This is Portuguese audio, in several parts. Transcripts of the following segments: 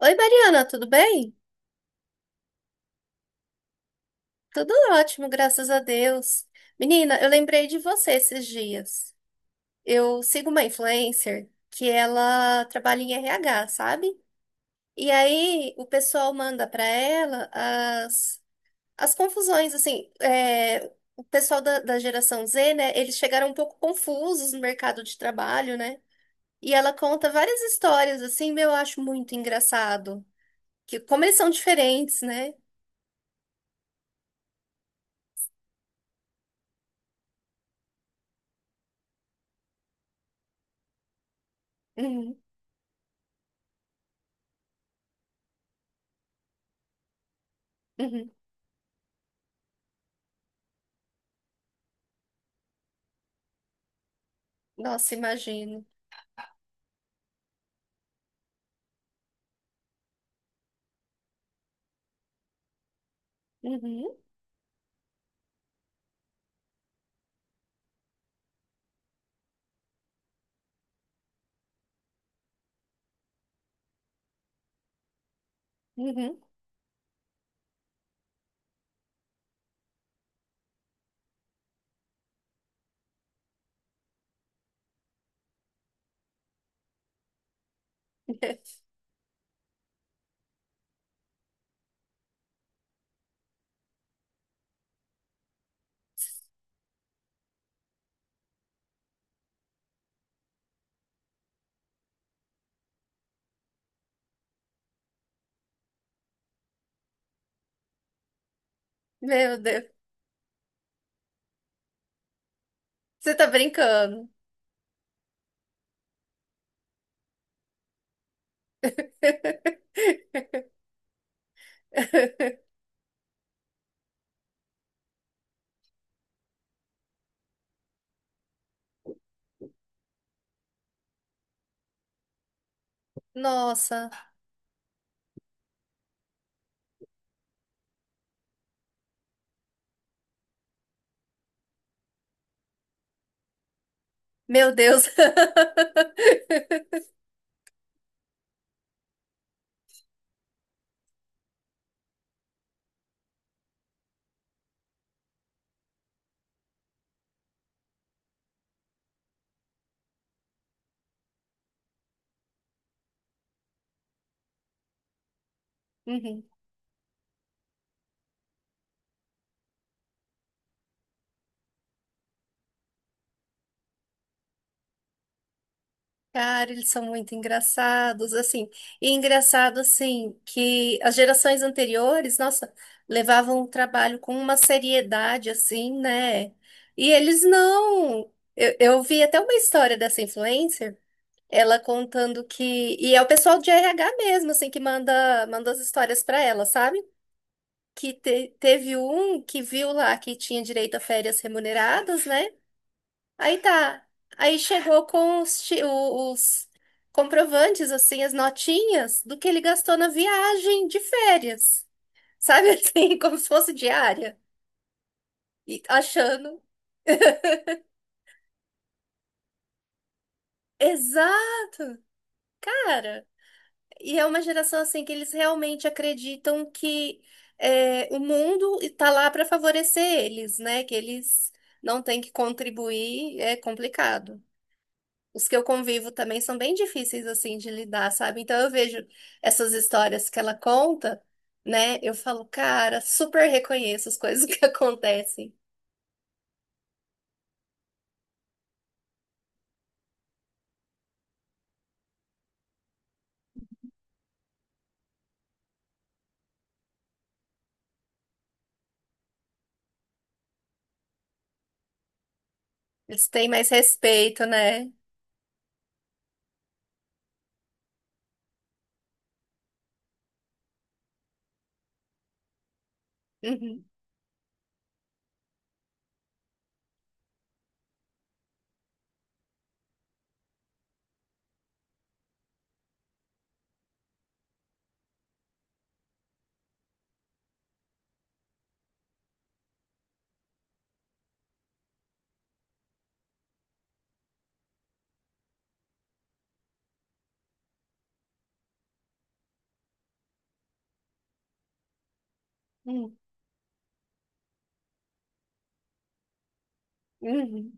Oi, Mariana, tudo bem? Tudo ótimo, graças a Deus. Menina, eu lembrei de você esses dias. Eu sigo uma influencer que ela trabalha em RH, sabe? E aí o pessoal manda para ela as confusões, assim, o pessoal da geração Z, né? Eles chegaram um pouco confusos no mercado de trabalho, né? E ela conta várias histórias, assim, meu, eu acho muito engraçado. Que, como eles são diferentes, né? Uhum, uhum. Nossa, imagino. Uhum, uhum. Meu Deus, você tá brincando. Nossa, meu Deus. Uhum. Cara, eles são muito engraçados, assim. E engraçado, assim, que as gerações anteriores, nossa, levavam o trabalho com uma seriedade, assim, né? E eles não. Eu vi até uma história dessa influencer. Ela contando que. E é o pessoal de RH mesmo, assim, que manda as histórias pra ela, sabe? Que teve um que viu lá que tinha direito a férias remuneradas, né? Aí tá. Aí chegou com os comprovantes, assim, as notinhas do que ele gastou na viagem de férias. Sabe assim, como se fosse diária. E achando. Exato, cara. E é uma geração assim que eles realmente acreditam que o mundo está lá para favorecer eles, né? Que eles não têm que contribuir, é complicado. Os que eu convivo também são bem difíceis assim de lidar, sabe? Então eu vejo essas histórias que ela conta, né? Eu falo, cara, super reconheço as coisas que acontecem. Eles têm mais respeito, né? Uhum, uhum, uhum,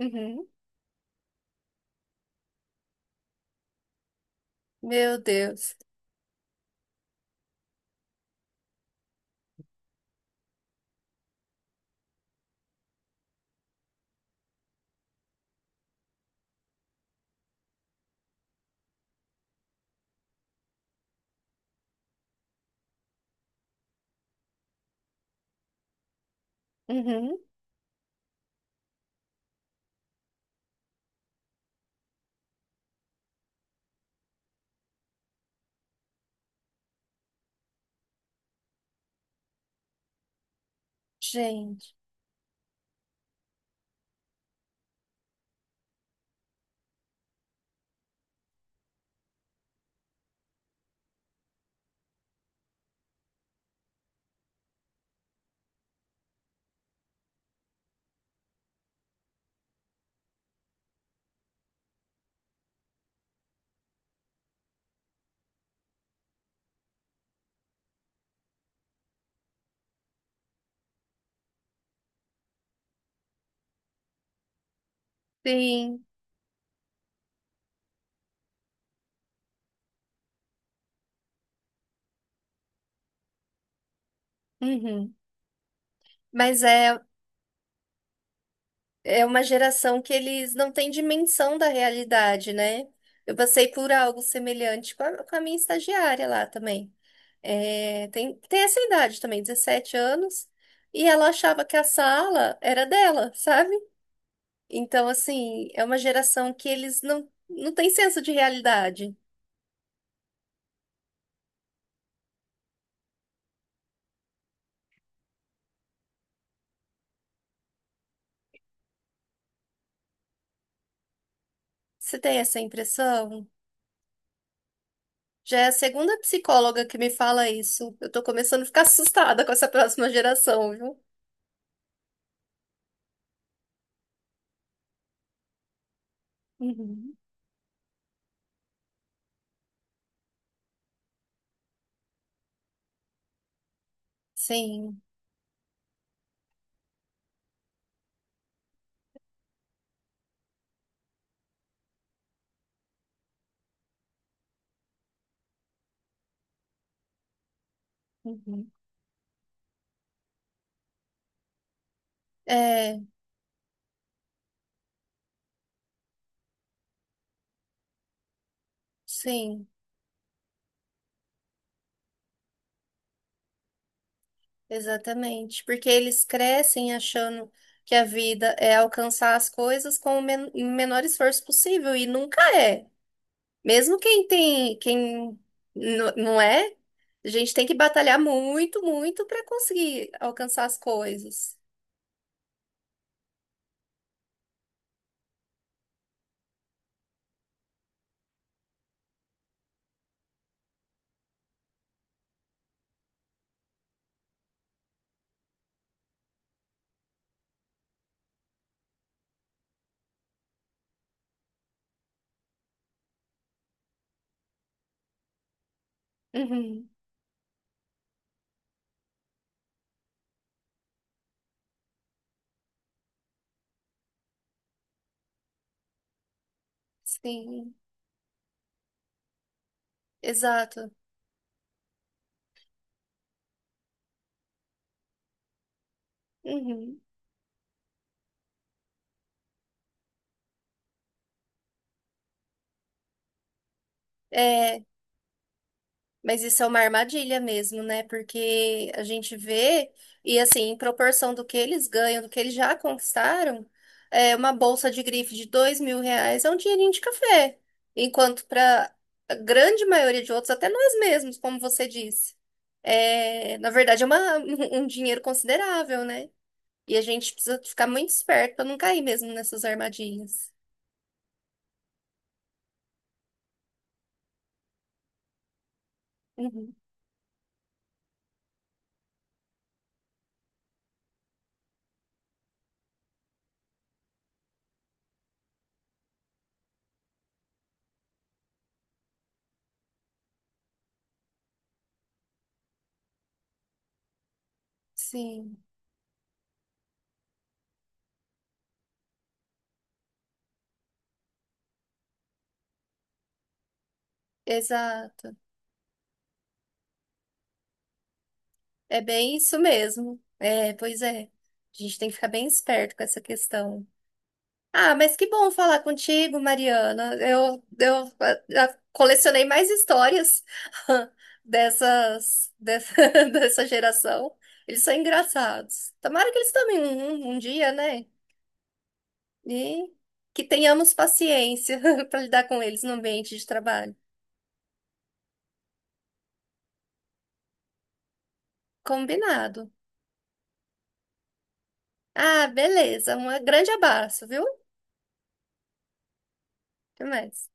uhum. Meu Deus. Uhum. Gente. Sim. Uhum. Mas é, é uma geração que eles não têm dimensão da realidade, né? Eu passei por algo semelhante com a minha estagiária lá também. É, tem essa idade também, 17 anos, e ela achava que a sala era dela, sabe? Então, assim, é uma geração que eles não, não têm senso de realidade. Você tem essa impressão? Já é a segunda psicóloga que me fala isso. Eu tô começando a ficar assustada com essa próxima geração, viu? Uhum. Sim. Uhum. É, sim, exatamente. Porque eles crescem achando que a vida é alcançar as coisas com o menor esforço possível e nunca é. Mesmo quem tem, quem não é, a gente tem que batalhar muito, muito para conseguir alcançar as coisas. Uhum. Sim, exato. Uhum. É, mas isso é uma armadilha mesmo, né? Porque a gente vê, e assim, em proporção do que eles ganham, do que eles já conquistaram, é uma bolsa de grife de 2.000 reais é um dinheirinho de café. Enquanto para a grande maioria de outros, até nós mesmos, como você disse, é, na verdade é uma, um dinheiro considerável, né? E a gente precisa ficar muito esperto para não cair mesmo nessas armadilhas. Uhum. Sim, exato. É bem isso mesmo. É, pois é. A gente tem que ficar bem esperto com essa questão. Ah, mas que bom falar contigo, Mariana. Eu já colecionei mais histórias dessas, dessa, dessa geração. Eles são engraçados. Tomara que eles tomem um, um dia, né? E que tenhamos paciência para lidar com eles no ambiente de trabalho. Combinado. Ah, beleza. Um grande abraço, viu? Até mais.